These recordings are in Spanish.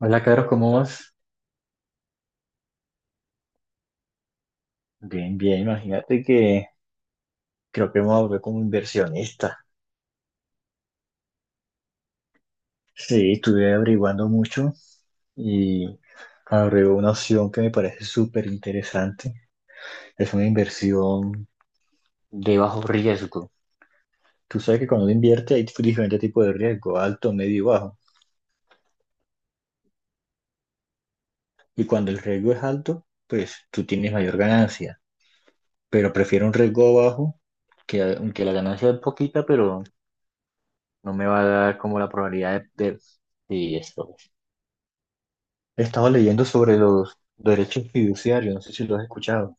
Hola, Carlos, ¿cómo vas? Bien, bien, imagínate que creo que me ahorré como inversionista. Sí, estuve averiguando mucho y ahorré una opción que me parece súper interesante. Es una inversión de bajo riesgo. Tú sabes que cuando uno invierte hay diferentes tipos de riesgo, alto, medio y bajo. Y cuando el riesgo es alto, pues tú tienes mayor ganancia. Pero prefiero un riesgo bajo, que, aunque la ganancia es poquita, pero no me va a dar como la probabilidad sí, esto. He estado leyendo sobre los derechos fiduciarios, no sé si lo has escuchado.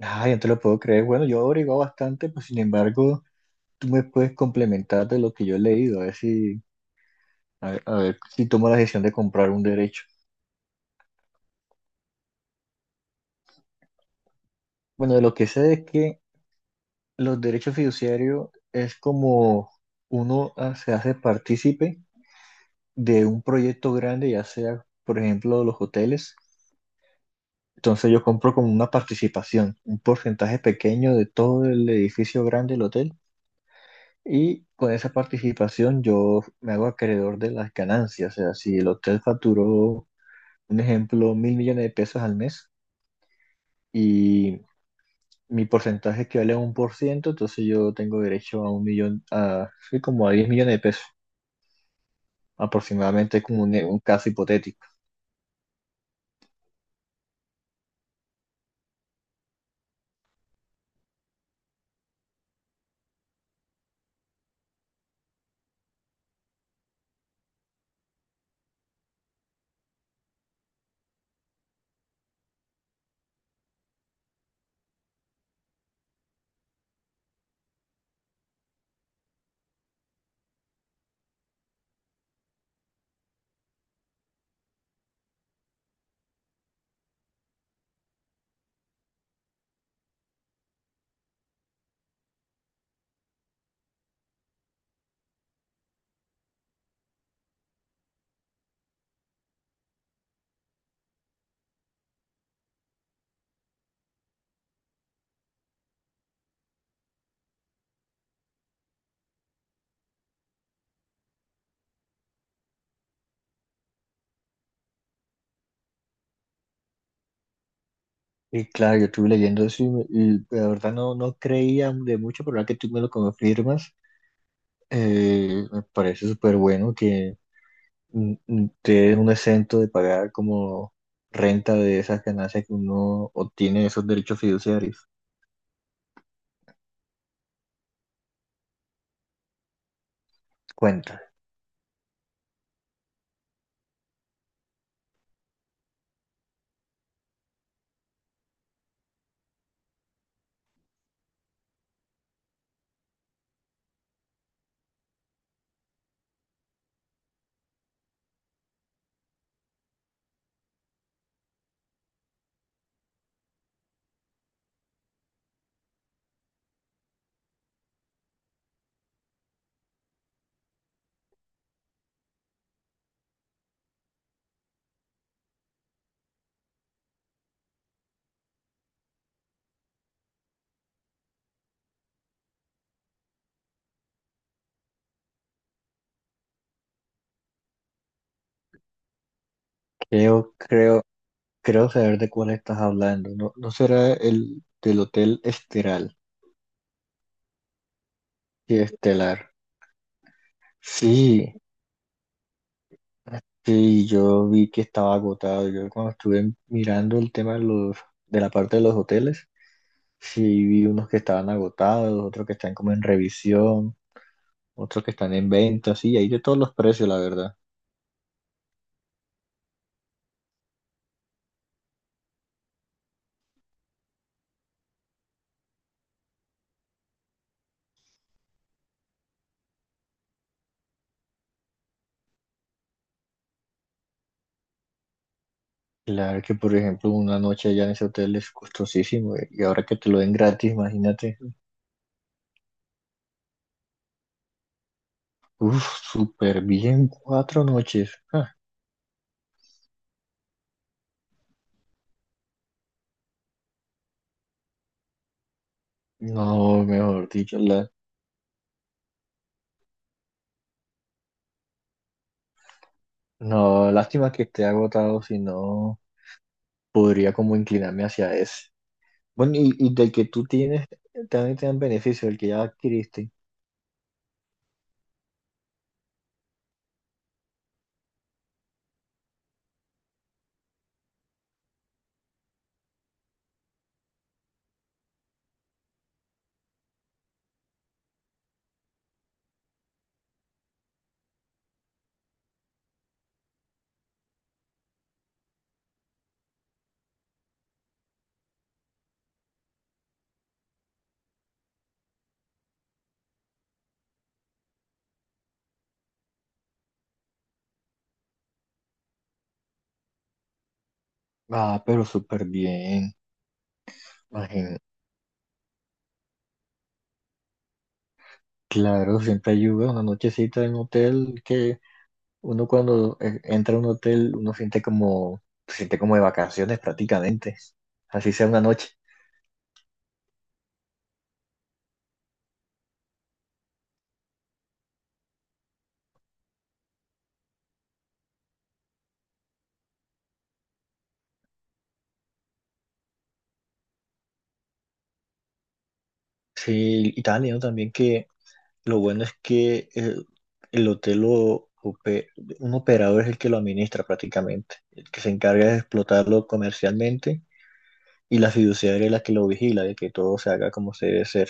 Ay, no te lo puedo creer. Bueno, yo he averiguado bastante, pues sin embargo, tú me puedes complementar de lo que yo he leído, a ver si tomo la decisión de comprar un derecho. Bueno, de lo que sé es que los derechos fiduciarios es como uno se hace partícipe de un proyecto grande, ya sea, por ejemplo, los hoteles. Entonces yo compro como una participación, un porcentaje pequeño de todo el edificio grande del hotel, y con esa participación yo me hago acreedor de las ganancias. O sea, si el hotel facturó, un ejemplo, 1.000 millones de pesos al mes y mi porcentaje equivale a 1%, entonces yo tengo derecho a 1 millón, a, sí, como a 10 millones de pesos, aproximadamente como un caso hipotético. Y claro, yo estuve leyendo eso y, y la verdad no creía de mucho, pero ahora que tú me lo confirmas, me parece súper bueno que te den un exento de pagar como renta de esas ganancias que uno obtiene de esos derechos fiduciarios. Cuenta, creo, creo, creo saber de cuál estás hablando. No, no será el del Hotel Esteral. Sí, Estelar. Sí, sí, yo vi que estaba agotado. Yo cuando estuve mirando el tema de de la parte de los hoteles, sí vi unos que estaban agotados, otros que están como en revisión, otros que están en venta, sí, hay de todos los precios, la verdad. Claro que, por ejemplo, una noche allá en ese hotel es costosísimo, y ahora que te lo den gratis, imagínate, uff, súper bien, 4 noches. Ah, no, mejor dicho, no, lástima que esté agotado, si no, podría como inclinarme hacia ese. Bueno, y del que tú tienes, también te dan beneficio, del que ya adquiriste. Ah, pero súper bien, imagínate. Claro, siempre ayuda una nochecita en hotel que uno, cuando entra a un hotel, uno siente como, se siente como de vacaciones prácticamente, así sea una noche. Sí, y estaba leyendo también que lo bueno es que el hotel un operador es el que lo administra prácticamente, el que se encarga de explotarlo comercialmente, y la fiduciaria es la que lo vigila, de que todo se haga como se debe ser.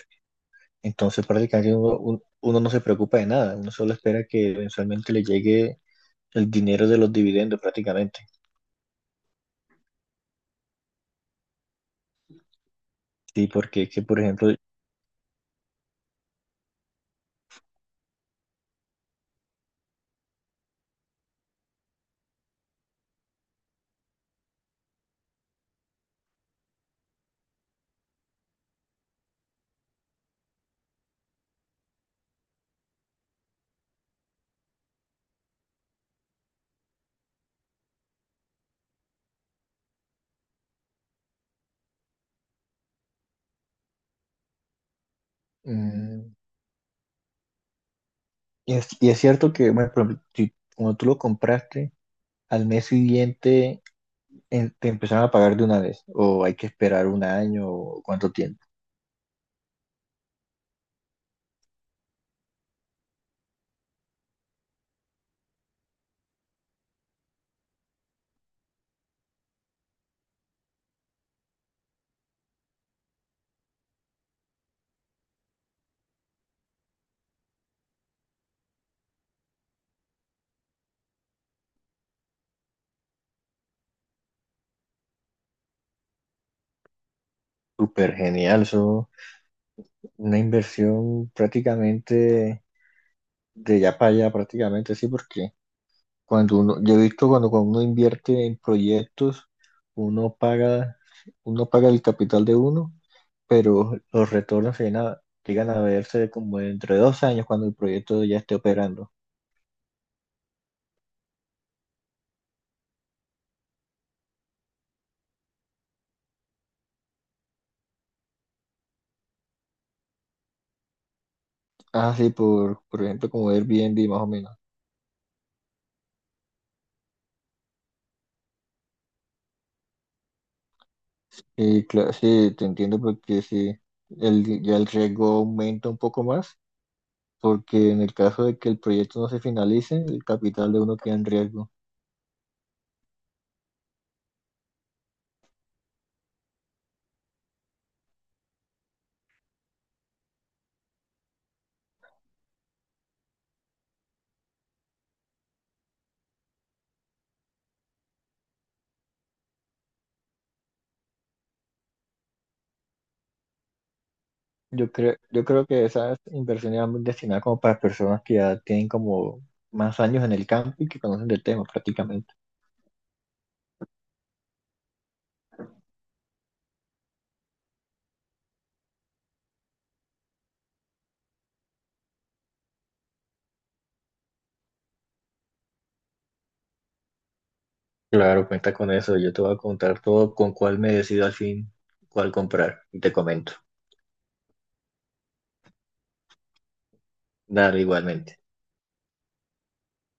Entonces prácticamente uno no se preocupa de nada, uno solo espera que eventualmente le llegue el dinero de los dividendos prácticamente. Sí, porque es que, por ejemplo, Mm, y es cierto que, bueno, por ejemplo, cuando tú lo compraste, al mes siguiente te empezaron a pagar de una vez, o hay que esperar un año, o cuánto tiempo. Súper genial, eso, una inversión prácticamente de ya para allá, prácticamente, sí, porque yo he visto cuando uno invierte en proyectos, uno paga, uno paga el capital de uno, pero los retornos se llegan a verse como entre 2 años cuando el proyecto ya esté operando. Ah, sí, por ejemplo, como Airbnb más o menos. Y claro, sí, te entiendo porque sí, ya el riesgo aumenta un poco más, porque en el caso de que el proyecto no se finalice, el capital de uno queda en riesgo. Yo creo que esas inversiones van destinadas como para personas que ya tienen como más años en el campo y que conocen del tema prácticamente. Claro, cuenta con eso. Yo te voy a contar todo con cuál me decido al fin cuál comprar. Y te comento. Dale, igualmente.